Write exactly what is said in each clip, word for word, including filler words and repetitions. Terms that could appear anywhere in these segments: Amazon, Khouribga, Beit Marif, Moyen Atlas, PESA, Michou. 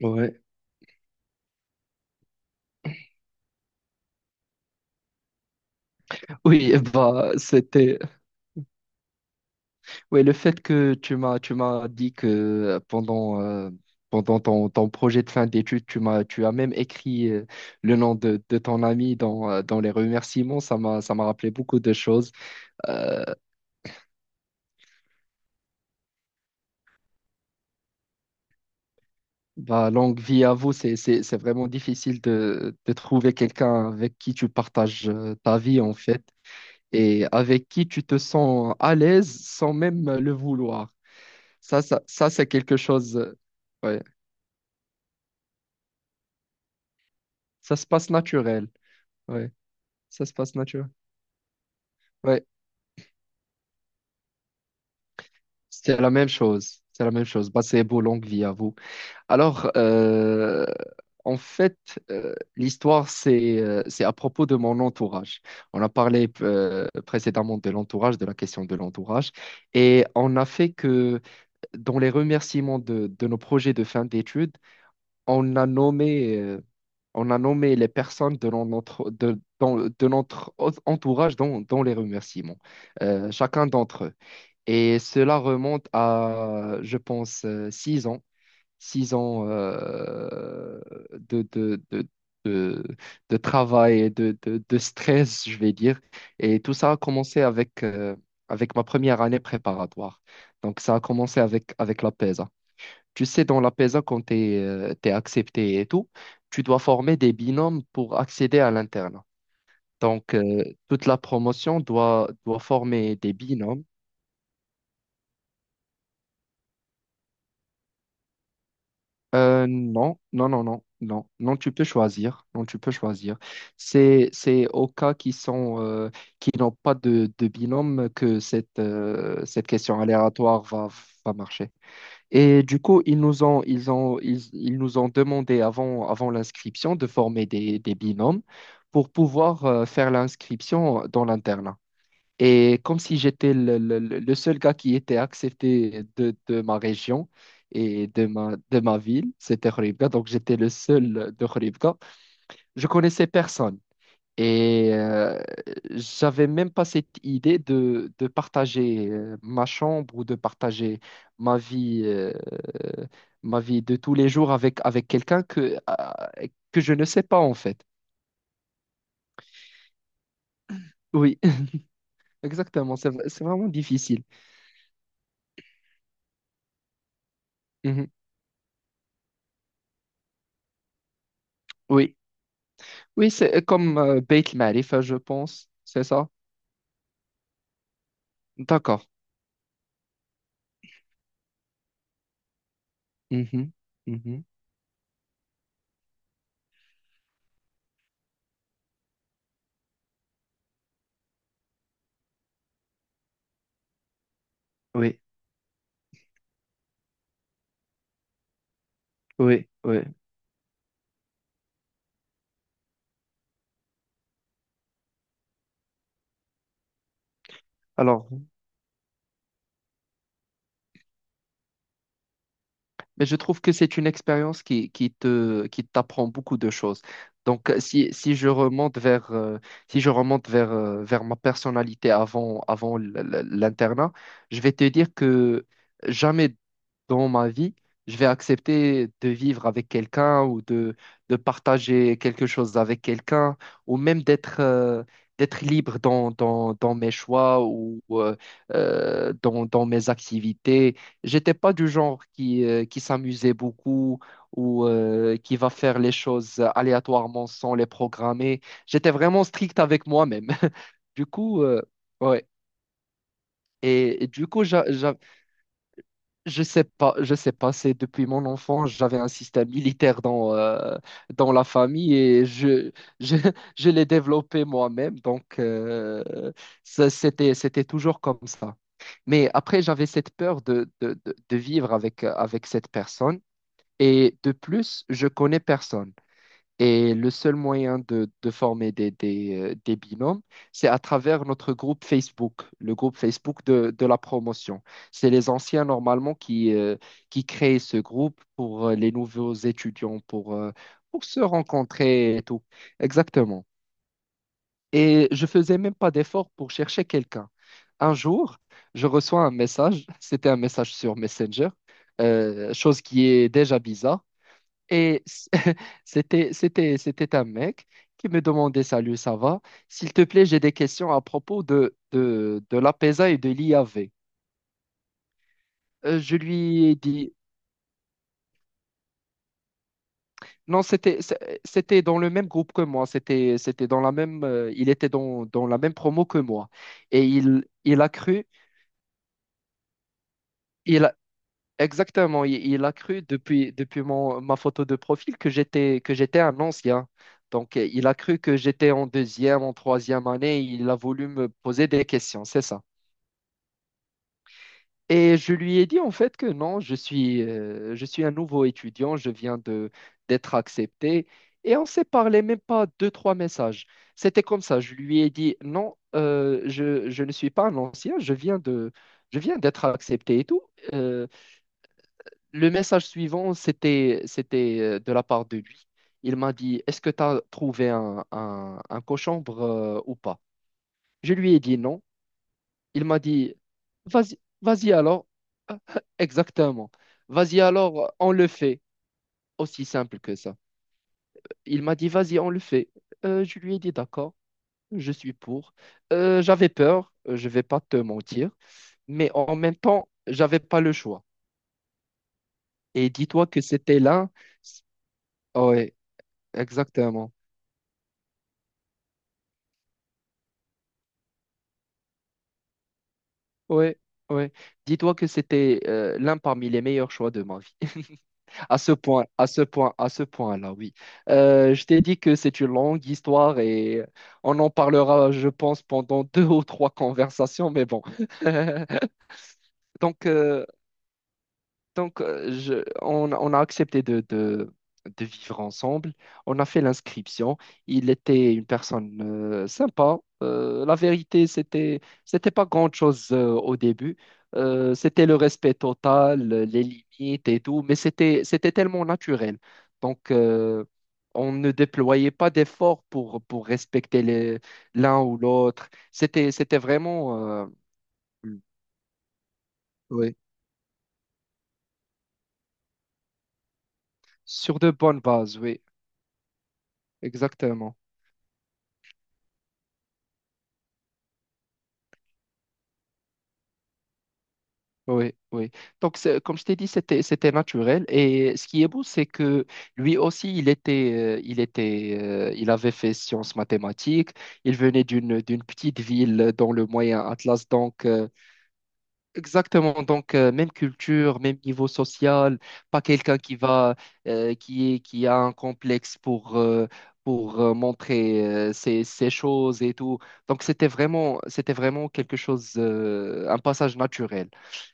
Ouais. Oui, bah c'était ouais, le fait que tu m'as tu m'as dit que pendant euh, pendant ton, ton projet de fin d'études, tu m'as tu as même écrit euh, le nom de, de ton ami dans, euh, dans les remerciements, ça m'a ça m'a rappelé beaucoup de choses. Euh, Bah, longue vie à vous, c'est c'est c'est vraiment difficile de de trouver quelqu'un avec qui tu partages euh, ta vie en fait, et avec qui tu te sens à l'aise sans même le vouloir. Ça ça ça c'est quelque chose. Euh, ouais. Ça se passe naturel. Ouais, ça se passe naturel. Ouais, c'est la même chose. C'est la même chose. Bah, c'est beau, longue vie à vous. Alors, euh, en fait, euh, l'histoire, c'est euh, c'est à propos de mon entourage. On a parlé euh, précédemment de l'entourage, de la question de l'entourage. Et on a fait que dans les remerciements de, de nos projets de fin d'études, on a nommé. euh, on a nommé les personnes de non- notre, de, dans- de notre o- entourage dans, dans les remerciements, euh, chacun d'entre eux. Et cela remonte à, je pense, euh, six ans, six ans euh, de, de, de, de, de travail et de, de, de stress, je vais dire. Et tout ça a commencé avec, euh, avec ma première année préparatoire. Donc, ça a commencé avec, avec la péza. Tu sais, dans la P E S A, quand tu es accepté et tout, tu dois former des binômes pour accéder à l'internat. Donc, euh, toute la promotion doit, doit former des binômes. Euh, non, non, non, non, non, non, tu peux choisir. Non, tu peux choisir. C'est, c'est au cas qui sont, euh, qui n'ont pas de, de binôme que cette, euh, cette question aléatoire va, va marcher. Et du coup, ils nous ont, ils ont, ils, ils nous ont demandé avant, avant l'inscription de former des, des binômes pour pouvoir euh, faire l'inscription dans l'internat. Et comme si j'étais le, le- le- le seul gars qui était accepté de, de ma région et de ma, de ma ville. C'était Khouribga, donc j'étais le seul de Khouribga, je connaissais personne. Et euh, j'avais même pas cette idée de, de partager euh, ma chambre ou de partager ma vie, euh, ma vie de tous les jours avec, avec quelqu'un que, ah, que je ne sais pas en fait. Oui, exactement, c'est, c'est vraiment difficile. Mhm. Oui, oui, c'est euh, comme euh, Beit Marif, je pense, c'est ça? D'accord. Mhm. Mhm. Oui, oui, oui. Alors, Mais je trouve que c'est une expérience qui, qui te, qui t'apprend beaucoup de choses. Donc, euh, si, si je remonte vers, euh, si je remonte vers, euh, vers ma personnalité avant, avant l- l- l'internat, je vais te dire que jamais dans ma vie je vais accepter de vivre avec quelqu'un, ou de, de partager quelque chose avec quelqu'un, ou même d'être euh, d'être libre dans, dans, dans mes choix ou euh, euh, dans, dans mes activités. J'étais pas du genre qui, euh, qui s'amusait beaucoup, ou euh, qui va faire les choses aléatoirement sans les programmer. J'étais vraiment strict avec moi-même. Du coup, euh, ouais. Et, et du coup, j'avais je sais pas, je sais pas, c'est depuis mon enfance, j'avais un système militaire dans, euh, dans la famille, et je, je, je l'ai développé moi-même, donc euh, ça, c'était, c'était toujours comme ça. Mais après, j'avais cette peur de, de, de, de vivre avec, euh, avec cette personne, et de plus, je connais personne. Et le seul moyen de, de former des, des, euh, des binômes, c'est à travers notre groupe Facebook, le groupe Facebook de, de la promotion. C'est les anciens normalement qui, euh, qui créent ce groupe pour euh, les nouveaux étudiants, pour, euh, pour se rencontrer et tout. Exactement. Et je faisais même pas d'effort pour chercher quelqu'un. Un jour, je reçois un message, c'était un message sur Messenger, euh, chose qui est déjà bizarre. Et c'était, c'était, c'était un mec qui me demandait: «Salut, ça va? S'il te plaît, j'ai des questions à propos de, de, de l'apéza et de l'I A V.» Euh, je lui ai dit non, c'était c'est- c'était dans le même groupe que moi, c'était, c'était dans la même, euh, il était dans, dans la même promo que moi. Et il, il a cru, il a- exactement, il, il a cru, depuis, depuis mon, ma photo de profil, que j'étais, que j'étais un ancien. Donc, euh, il a cru que j'étais en deuxième, en troisième année, il a voulu me poser des questions, c'est ça. Et je lui ai dit en fait que non, je suis, euh, je suis un nouveau étudiant, je viens de d'être accepté. Et on s'est parlé même pas deux, trois messages. C'était comme ça. Je lui ai dit non, euh, je, je ne suis pas un ancien, je viens de, je viens d'être accepté et tout. Euh, le message suivant, c'était, c'était euh, de la part de lui. Il m'a dit: «Est-ce que tu as trouvé un, un, un cochambre euh, ou pas?» Je lui ai dit non. Il m'a dit: «Vas-y, vas-y alors.» Exactement. Vas-y alors, on le fait. Aussi simple que ça. Il m'a dit: «Vas-y, on le fait.» Euh, je lui ai dit: «D'accord, je suis pour.» Euh, j'avais peur, euh, je vais pas te mentir, mais en même temps, j'avais pas le choix. Et dis-toi que c'était l'un. Oui, exactement. Oui, oui. Dis-toi que c'était euh, l'un parmi les meilleurs choix de ma vie. À ce point, à ce point, à ce point-là, oui. Euh, je t'ai dit que c'est une longue histoire, et on en parlera, je pense, pendant deux ou trois conversations, mais bon. Donc, euh, donc, euh, je- on, on a accepté de, de- de vivre ensemble. On a fait l'inscription. Il était une personne euh, sympa. Euh, la vérité, c'était, c'était pas grand-chose euh, au début. Euh, c'était le respect total, les limites et tout, mais c'était, c'était tellement naturel. Donc, euh, on ne déployait pas d'efforts pour, pour respecter les- l'un ou l'autre. C'était, c'était vraiment euh, Mm. Ouais, sur de bonnes bases, oui, exactement. Oui, oui. Donc, c'est- comme je t'ai dit, c'était, c'était naturel. Et ce qui est beau, c'est que lui aussi, il était, euh, il était, euh, il avait fait sciences mathématiques. Il venait d'une, d'une petite ville dans le Moyen Atlas. Donc, euh, exactement. Donc, euh, même culture, même niveau social. Pas quelqu'un qui va, euh, qui est, qui a un complexe pour, euh, pour euh, montrer euh, ses, ses choses et tout. Donc, c'était vraiment, c'était vraiment quelque chose, euh, un passage naturel.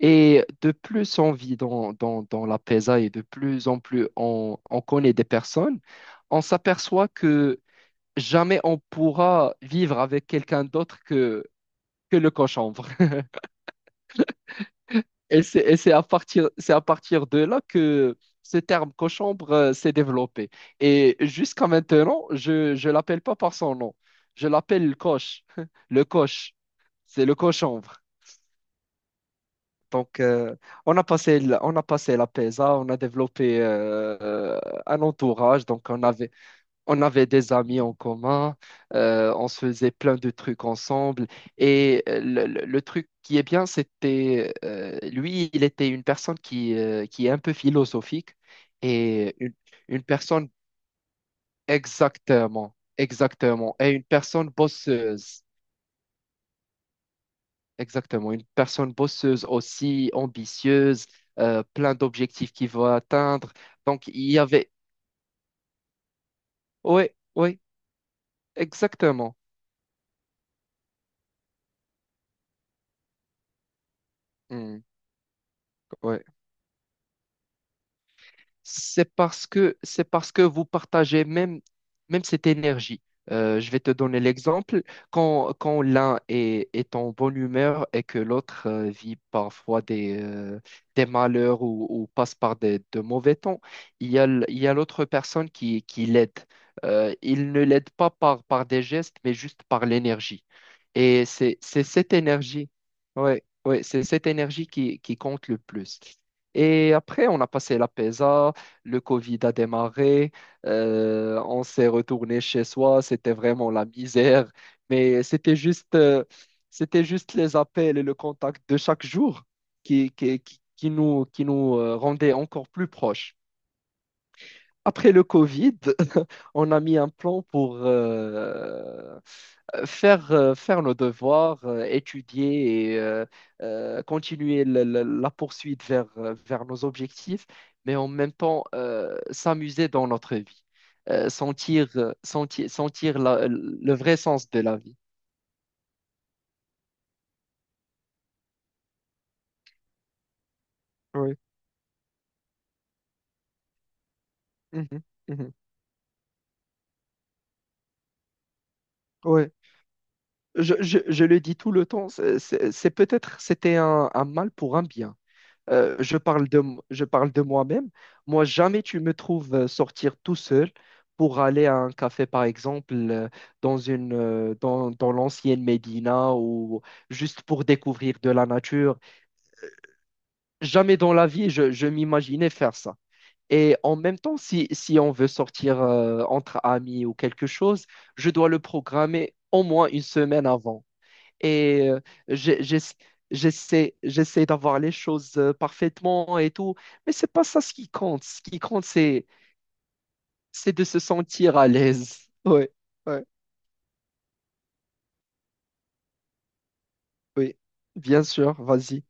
Et de plus on vit dans, dans, dans la P E S A, et de plus en plus on, on connaît des personnes, on s'aperçoit que jamais on pourra vivre avec quelqu'un d'autre que, que le cochambre. Et c'est et c'est à partir, c'est à partir de là que ce terme cochambre euh, s'est développé. Et jusqu'à maintenant, je ne l'appelle pas par son nom. Je l'appelle le coche. Le coche. C'est le cochambre. Donc, euh, on a passé, la- on a passé la péza, on a développé euh, euh, un entourage. Donc, on avait, on avait des amis en commun, euh, on se faisait plein de trucs ensemble. Et euh, le, le- le truc qui est bien, c'était, euh, lui, il était une personne qui, euh, qui est un peu philosophique et une, une personne exactement, exactement, et une personne bosseuse. Exactement, une personne bosseuse aussi, ambitieuse, euh, plein d'objectifs qu'il veut atteindre. Donc, il y avait... Oui, oui, exactement. Oui, C'est parce que c'est parce que vous partagez même, même cette énergie. Euh, je vais te donner l'exemple. Quand, quand l'un est, est en bonne humeur et que l'autre euh, vit parfois des, euh, des malheurs, ou, ou passe par des, de mauvais temps, il y a, l- il y a l'autre personne qui, qui l'aide. Euh, il ne l'aide pas par, par des gestes, mais juste par l'énergie. Et c'est, c'est cette énergie, ouais, ouais, c'est cette énergie qui, qui compte le plus. Et après, on a passé la péza, le Covid a démarré, euh, on s'est retourné chez soi, c'était vraiment la misère, mais c'était juste, euh, c'était juste les appels et le contact de chaque jour qui, qui, qui, qui nous, qui nous euh, rendaient encore plus proches. Après le Covid, on a mis un plan pour euh, faire, euh, faire nos devoirs, euh, étudier et euh, euh, continuer le- le- la poursuite vers, euh, vers nos objectifs, mais en même temps euh, s'amuser dans notre vie. Euh, sentir, euh, sentir, sentir la- le vrai sens de la vie. Oui. Mhm. Mhm. Ouais. Je, je- je le dis tout le temps, c'est c'est- c'est peut-être, c'était un un mal pour un bien. Euh, je parle de, m- je parle de moi-même. Moi, jamais tu me trouves euh, sortir tout seul pour aller à un café, par exemple, euh, dans une, euh, dans, dans l'ancienne Médina, ou juste pour découvrir de la nature. Jamais dans la vie, je, je m'imaginais faire ça. Et en même temps, si, si on veut sortir euh, entre amis ou quelque chose, je dois le programmer au moins une semaine avant. Et euh, j'ai- j'ess- j'essaie, j'essaie d'avoir les choses euh, parfaitement et tout. Mais c'est pas ça ce qui compte. Ce qui compte, c'est, c'est de se sentir à l'aise. Ouais, ouais, oui. Bien sûr, vas-y.